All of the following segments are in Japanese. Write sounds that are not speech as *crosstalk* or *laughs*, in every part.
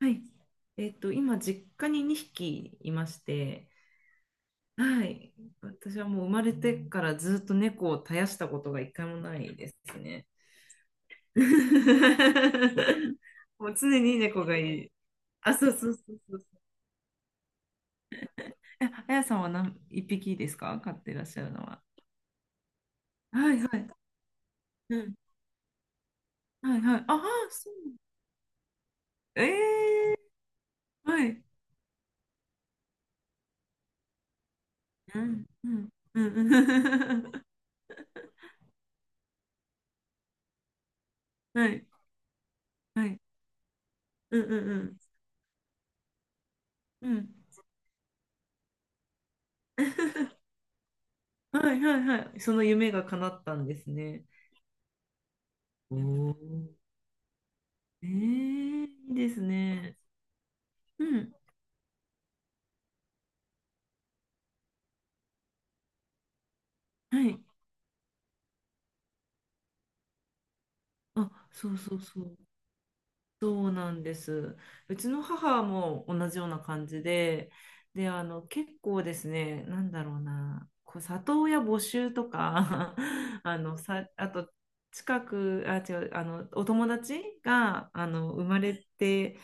はい。今、実家に2匹いまして、はい。私はもう生まれてからずっと猫を絶やしたことが一回もないですね。*laughs* もう常に猫がいる。あ、そうそうそうそう。え、あやさんは何、一匹ですか飼ってらっしゃるのは。はいはい。うん。はいはい。ああ、そう。ええーはい。うん。うん。うん。うん *laughs* はい。はい。うんうんうん。うん。*laughs* はいはいはい。その夢が叶ったんですね。うーん。えーいいですね。うん。はい。あ、そうそうそう。そうなんです。うちの母も同じような感じで、で、結構ですね、なんだろうな、こう、里親募集とか、*laughs* さ、あと、近く、あ、違う、お友達が、生まれて、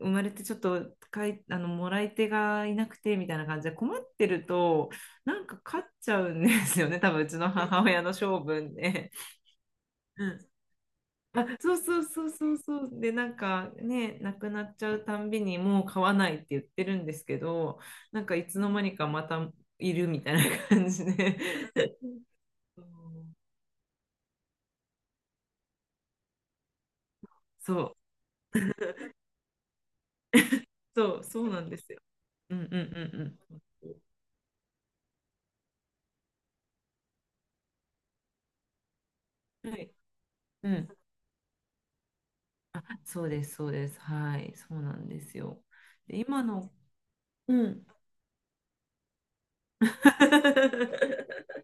生まれてちょっとかいもらい手がいなくてみたいな感じで困ってるとなんか勝っちゃうんですよね多分うちの母親の性分で。うんあ、そうそうそうそうそうでなんかねなくなっちゃうたんびにもう買わないって言ってるんですけどなんかいつの間にかまたいるみたいな感じで *laughs* そうそうそうなんですよ。うんうんうんうん。はい。うん、そうです、そうです。はい、そうなんですよ。で、今のうん。*laughs*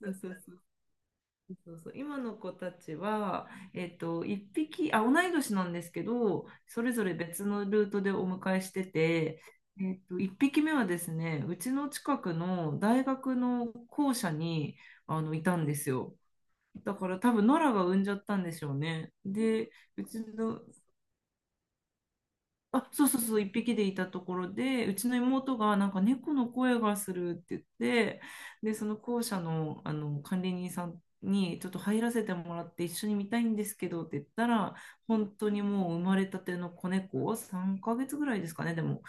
そうそうそうそうそう今の子たちは、一匹あ同い年なんですけどそれぞれ別のルートでお迎えしてて、一匹目はですねうちの近くの大学の校舎にいたんですよだから多分ノラが産んじゃったんでしょうねでうちのあ、そうそうそう、一匹でいたところで、うちの妹がなんか猫の声がするって言って、で、その校舎の、あの管理人さんにちょっと入らせてもらって一緒に見たいんですけどって言ったら、本当にもう生まれたての子猫、3ヶ月ぐらいですかね、でも、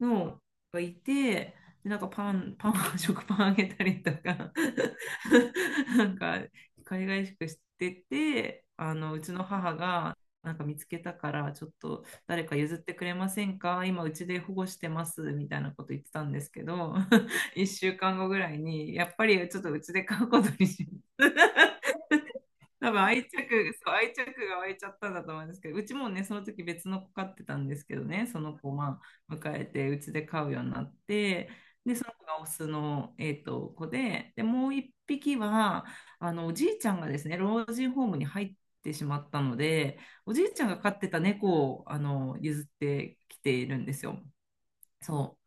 のがいて、で、なんかパン、パン、*laughs* 食パンあげたりとか *laughs* なんか、海外しくしてて、うちの母が、なんか見つけたからちょっと誰か譲ってくれませんか今うちで保護してますみたいなこと言ってたんですけど *laughs*、1週間後ぐらいに、やっぱりちょっとうちで飼うことにします *laughs* 多分愛着、そう、愛着が湧いちゃったんだと思うんですけど、うちもね、その時別の子飼ってたんですけどね、その子、まあ、迎えて、うちで飼うようになって、で、その子がオスの、子で、で、もう一匹は、おじいちゃんがですね、老人ホームに入ってしまったので、おじいちゃんが飼ってた猫を、譲ってきているんですよ。そ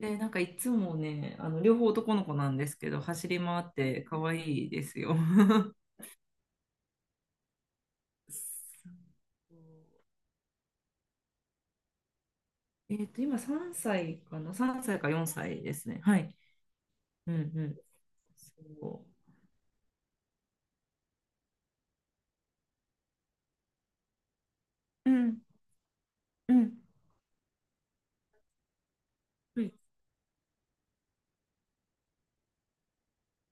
う。で、なんかいつもね、両方男の子なんですけど、走り回って可愛いですよ。*laughs* 今3歳かな ?3 歳か4歳ですね。はい。うんうん。そう。うんうん。うん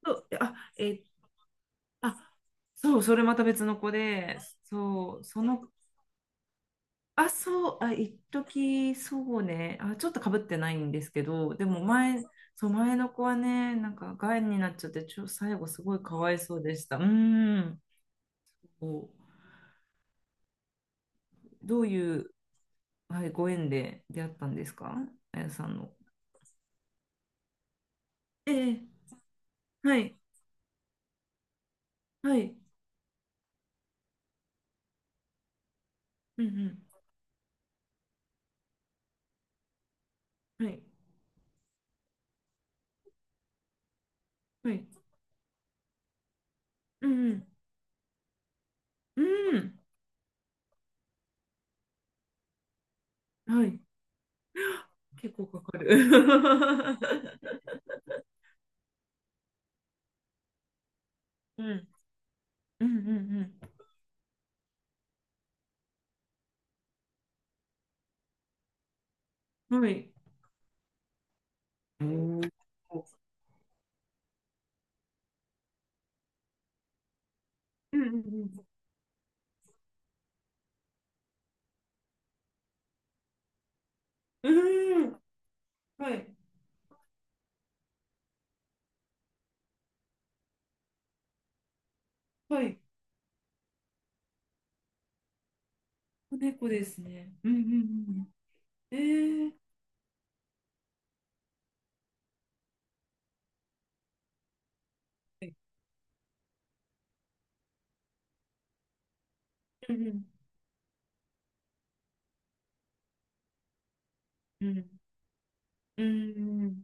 そうあ、えあ、そう、それまた別の子で、そう、その、あ、そう、あ、一時そうね、あ、ちょっとかぶってないんですけど、でも前、そう、前の子はね、なんか、がんになっちゃって、最後すごいかわいそうでした。うーん。こうどういう、はい、ご縁で出会ったんですかあやさんの。ええ、はい、はい。うんうん。はい。はい。うんうん。うん。はい。結構かかる。*laughs* うん。うんうんうん。はい。うんうんうんうん。うーん。はい。はい。子猫ですね。うんうんうんうん。えー。はいうんうん。うん。うんうん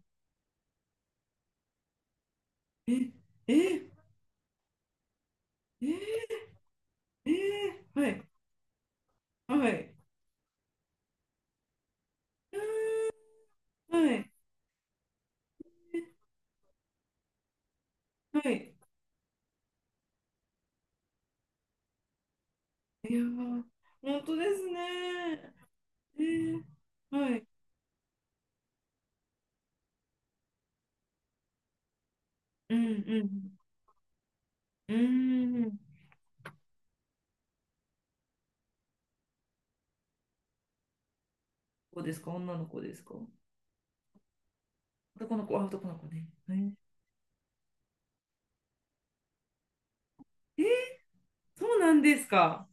うん。え、え、え、えー、はい。はい。はい。はい。いやー、本当ですね。えー、はい。うんうん。うーん。子ですか女の子ですか男の子、あ、男の子ね。えー、えーそうなんですか。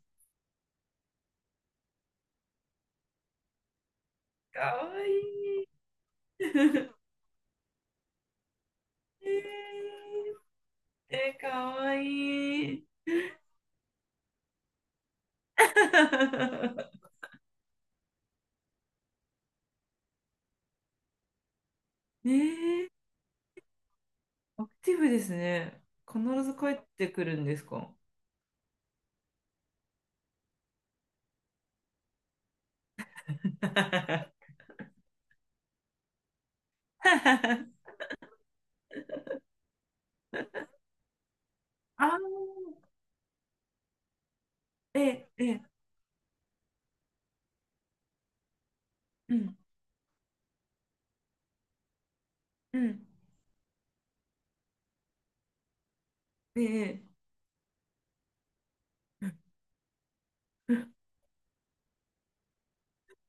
かわいい。*laughs* えー、えー、かわいい。*laughs* えー、アクティブですね。必ず帰ってくるんですか *laughs* ああ、えー、えー、うん、うん、えー、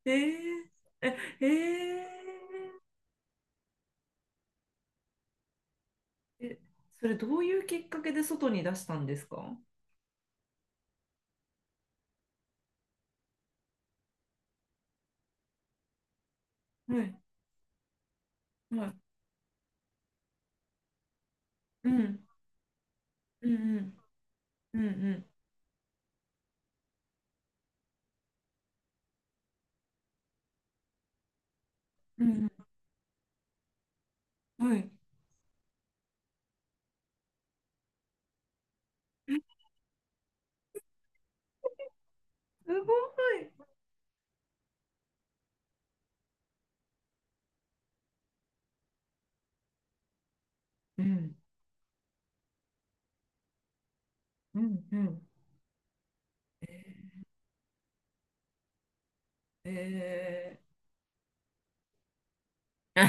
えー、えー、えーえ、それどういうきっかけで外に出したんですかはい、はい。うん、うん、うん、うん、うん、うんはい。えすごい。うん、うん、うん。えー。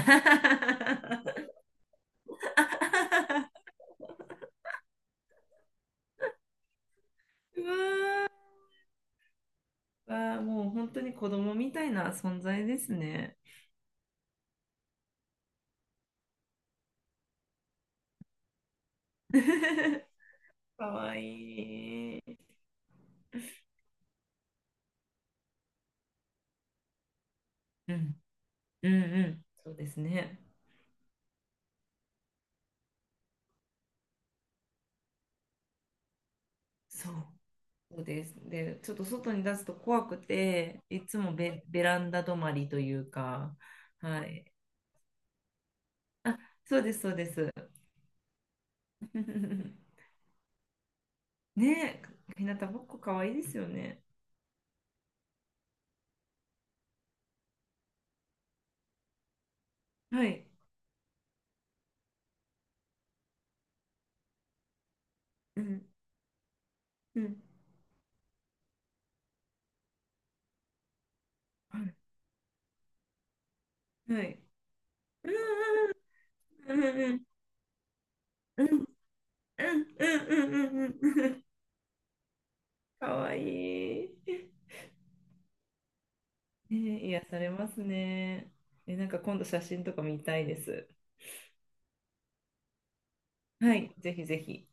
*laughs* うわあ、もう本当に子供みたいな存在ですね。*laughs* かわいい。うん、うん、うん。そうですね。そうそうです。で、ちょっと外に出すと怖くて、いつもベランダ止まりというか、はい。あ、そうです、そうです。*laughs* ねえ、ひなたぼっこかわいいですよね。はい。うん、うん、はい。はい。うんうんうんうんうんうんうんうんうんうんかわいい。ねえ、癒されますね。え、なんか今度写真とか見たいです。はい、ぜひぜひ。